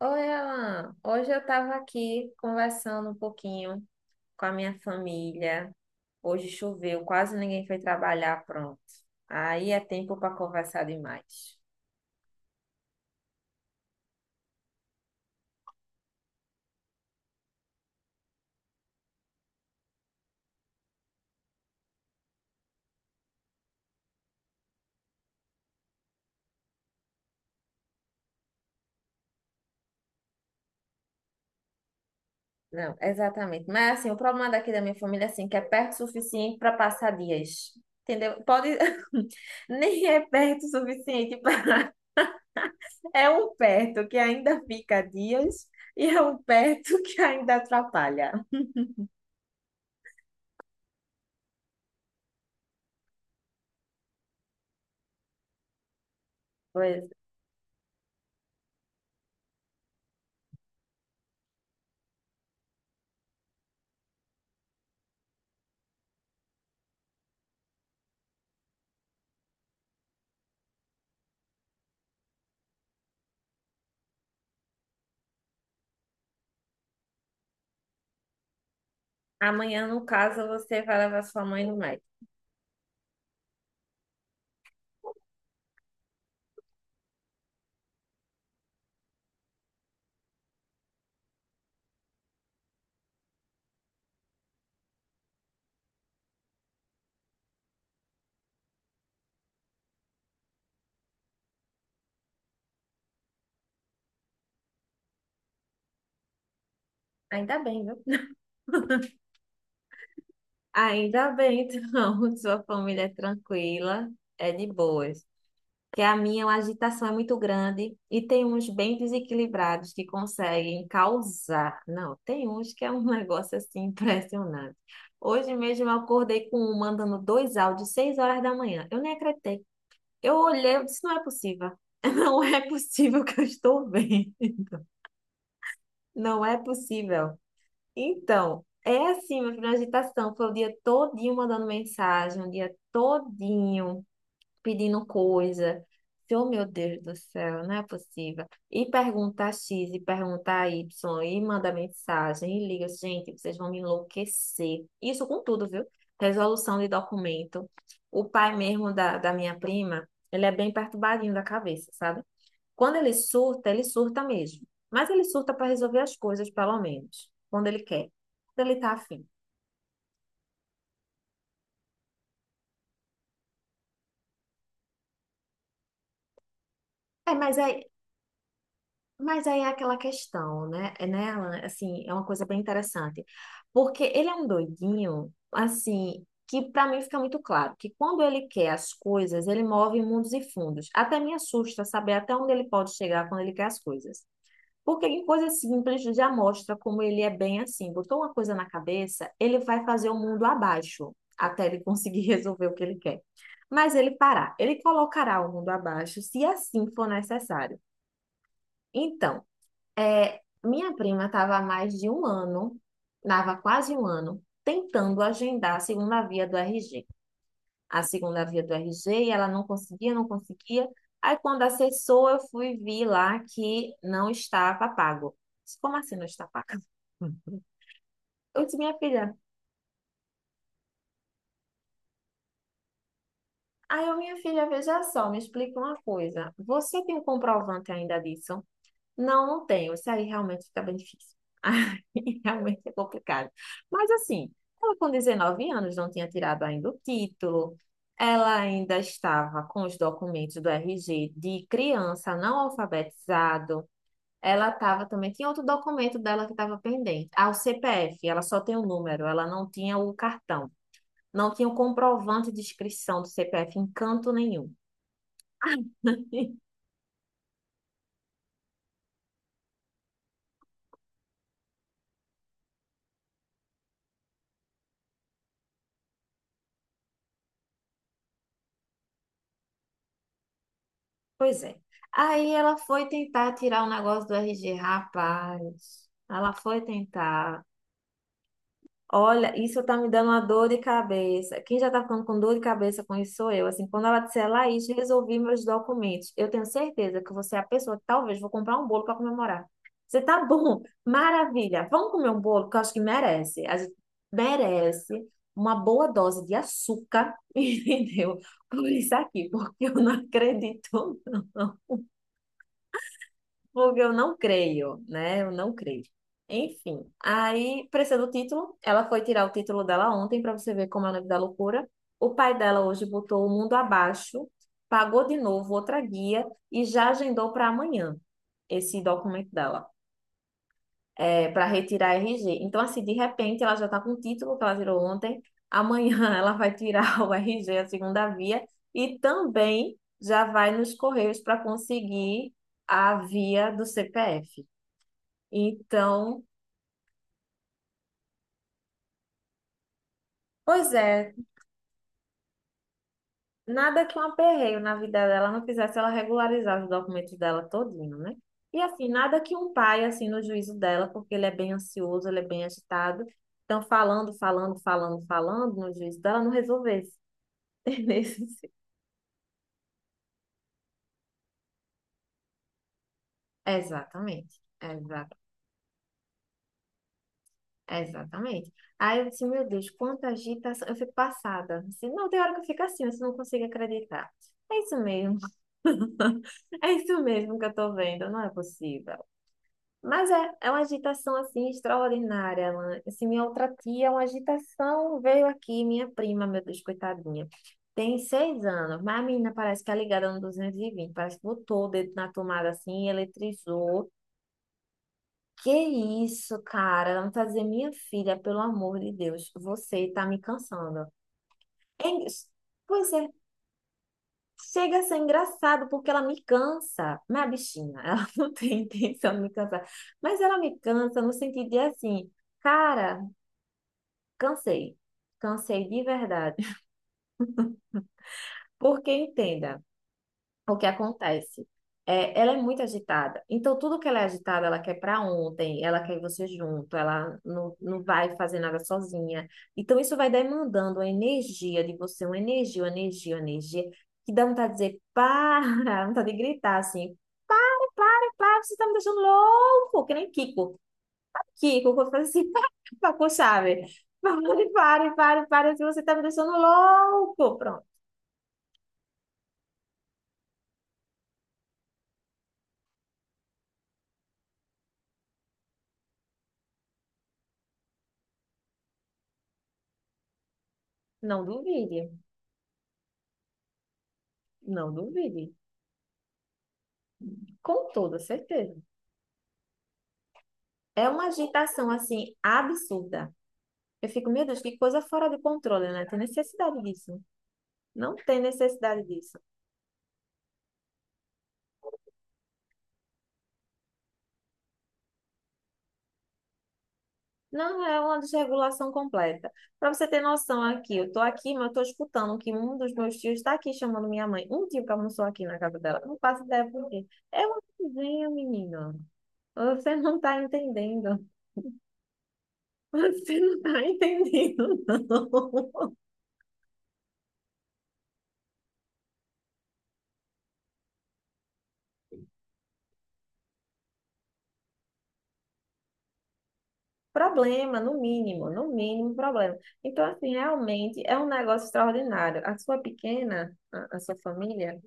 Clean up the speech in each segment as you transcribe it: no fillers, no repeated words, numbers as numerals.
Oi, Alan. Hoje eu estava aqui conversando um pouquinho com a minha família. Hoje choveu, quase ninguém foi trabalhar, pronto. Aí é tempo para conversar demais. Não, exatamente. Mas assim, o problema daqui da minha família é assim, que é perto o suficiente para passar dias. Entendeu? Pode nem é perto o suficiente para é um perto que ainda fica dias e é um perto que ainda atrapalha. Pois amanhã, no caso, você vai levar sua mãe no médico. Ainda bem, viu? Ainda bem, então, sua família é tranquila, é de boas. Que a agitação é muito grande e tem uns bem desequilibrados que conseguem causar. Não, tem uns que é um negócio assim impressionante. Hoje mesmo eu acordei com um mandando dois áudios, 6 horas da manhã. Eu nem acreditei. Eu olhei, eu disse, não é possível. Não é possível que eu estou bem. Não é possível. Então, é assim, meu filho, uma agitação. Foi o dia todinho mandando mensagem, o dia todinho pedindo coisa. Oh, meu Deus do céu, não é possível. E pergunta X, e pergunta Y, e manda mensagem, e liga, gente, vocês vão me enlouquecer. Isso com tudo, viu? Resolução de documento. O pai mesmo da minha prima, ele é bem perturbadinho da cabeça, sabe? Quando ele surta mesmo. Mas ele surta para resolver as coisas, pelo menos, quando ele quer, quando ele tá afim. É, mas aí é aquela questão, né? É, né, Alan? Assim, é uma coisa bem interessante. Porque ele é um doidinho, assim, que para mim fica muito claro que quando ele quer as coisas, ele move mundos e fundos. Até me assusta saber até onde ele pode chegar quando ele quer as coisas. Porque em coisa simples já mostra como ele é bem assim. Botou uma coisa na cabeça, ele vai fazer o mundo abaixo até ele conseguir resolver o que ele quer. Mas ele parar, ele colocará o mundo abaixo se assim for necessário. Então, é, minha prima estava há mais de um ano, estava quase um ano, tentando agendar a segunda via do RG a segunda via do RG, e ela não conseguia, não conseguia. Aí, quando acessou, eu fui ver lá que não estava pago. Disse, como assim não está pago? Hum. Eu disse, minha filha, aí eu, minha filha, veja só, me explica uma coisa. Você tem um comprovante ainda disso? Não, não tenho. Isso aí realmente fica bem difícil. Aí realmente é complicado. Mas assim, ela com 19 anos não tinha tirado ainda o título, ela ainda estava com os documentos do RG de criança não alfabetizado. Ela estava também, tinha outro documento dela que estava pendente. Ah, o CPF, ela só tem o número, ela não tinha o cartão. Não tinha o comprovante de inscrição do CPF em canto nenhum. Pois é. Aí ela foi tentar tirar o negócio do RG, rapaz. Ela foi tentar. Olha, isso tá me dando uma dor de cabeça. Quem já tá ficando com dor de cabeça com isso sou eu. Assim, quando ela disser, Laís, resolvi meus documentos. Eu tenho certeza que você é a pessoa que talvez vou comprar um bolo para comemorar. Você tá bom, maravilha. Vamos comer um bolo, que eu acho que merece. A gente merece uma boa dose de açúcar, entendeu? Por isso aqui, porque eu não acredito. Fogo, eu não creio, né? Eu não creio. Enfim, aí, precisa do título. Ela foi tirar o título dela ontem para você ver como é o nome da loucura. O pai dela hoje botou o mundo abaixo, pagou de novo outra guia e já agendou para amanhã esse documento dela, é, para retirar a RG. Então, assim, de repente, ela já está com o título que ela tirou ontem. Amanhã ela vai tirar o RG, a segunda via, e também já vai nos correios para conseguir a via do CPF. Então, pois é, nada que um aperreio na vida dela não fizesse ela regularizar os documentos dela todinho, né? E assim, nada que um pai, assim, no juízo dela, porque ele é bem ansioso, ele é bem agitado, então falando, falando, falando, falando no juízo dela, não resolvesse. Entendeu? Exatamente, é, exatamente. Aí eu disse, meu Deus, quanta agitação. Eu fico passada. Assim, não, tem hora que eu fico assim, você não consigo acreditar. É isso mesmo. É isso mesmo que eu tô vendo, não é possível. Mas é, é uma agitação assim extraordinária, Alan. Assim, minha outra tia, uma agitação veio aqui, minha prima, meu Deus, coitadinha. Tem 6 anos, mas a menina parece que é ligada no 220, parece que botou o dedo na tomada assim, eletrizou. Que isso, cara? Não tá dizendo, minha filha, pelo amor de Deus, você tá me cansando. É en- Pois é, chega a ser engraçado porque ela me cansa. Minha bichinha, ela não tem intenção de me cansar, mas ela me cansa no sentido de assim, cara, cansei, cansei de verdade. Porque entenda. O que acontece? É, ela é muito agitada. Então, tudo que ela é agitada, ela quer para ontem, ela quer você junto, ela não, não vai fazer nada sozinha. Então, isso vai demandando a energia de você, uma energia, uma energia, uma energia, que dá vontade de dizer, para, vontade de gritar assim, para, para, você está me deixando louco, que nem Kiko. Kiko, quando faz assim, para, para, com chave. Pare, pare, pare, pare, assim, você está me deixando louco. Pronto, não duvide, não duvide, com toda certeza. É uma agitação, assim, absurda. Eu fico, meu Deus, que coisa fora de controle, né? Tem necessidade disso. Não tem necessidade disso. Não é uma desregulação completa. Para você ter noção aqui, eu tô aqui, mas eu tô escutando que um dos meus tios está aqui chamando minha mãe. Um tio que almoçou aqui na casa dela. Não faço ideia por quê. É uma coisinha, menino. Você não tá entendendo. Você não tá entendendo, não. Problema, no mínimo, no mínimo um problema. Então, assim, realmente é um negócio extraordinário. A sua pequena, a sua família,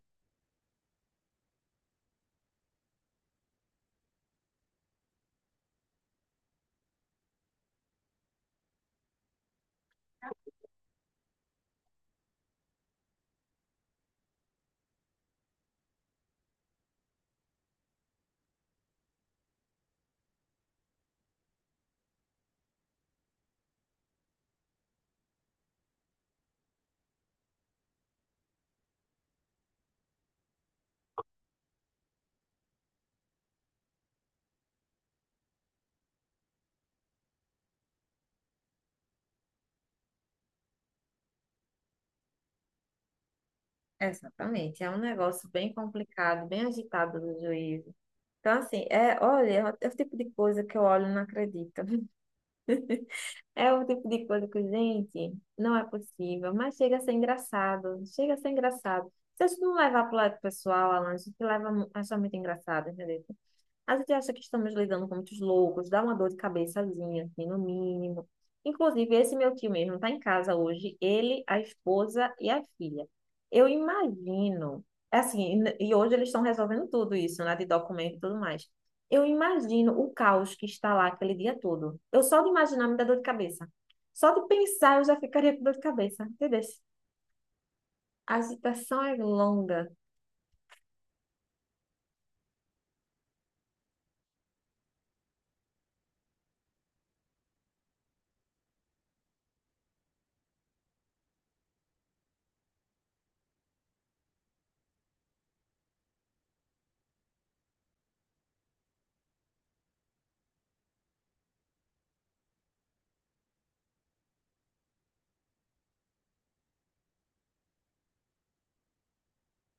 exatamente, é um negócio bem complicado, bem agitado do juízo. Então, assim, é, olha, é o tipo de coisa que eu olho e não acredito. É o tipo de coisa que, gente, não é possível, mas chega a ser engraçado, chega a ser engraçado. Se a gente não levar para o lado pessoal, Alan, a gente leva, acha muito engraçado, entendeu? A gente acha que estamos lidando com muitos loucos, dá uma dor de cabeçazinha, assim, no mínimo. Inclusive, esse meu tio mesmo está em casa hoje, ele, a esposa e a filha. Eu imagino, é assim, e hoje eles estão resolvendo tudo isso, né, de documento e tudo mais. Eu imagino o caos que está lá aquele dia todo. Eu só de imaginar me dá dor de cabeça. Só de pensar eu já ficaria com dor de cabeça, entendeu? A agitação é longa.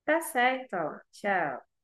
Tá certo, ó. Tchau.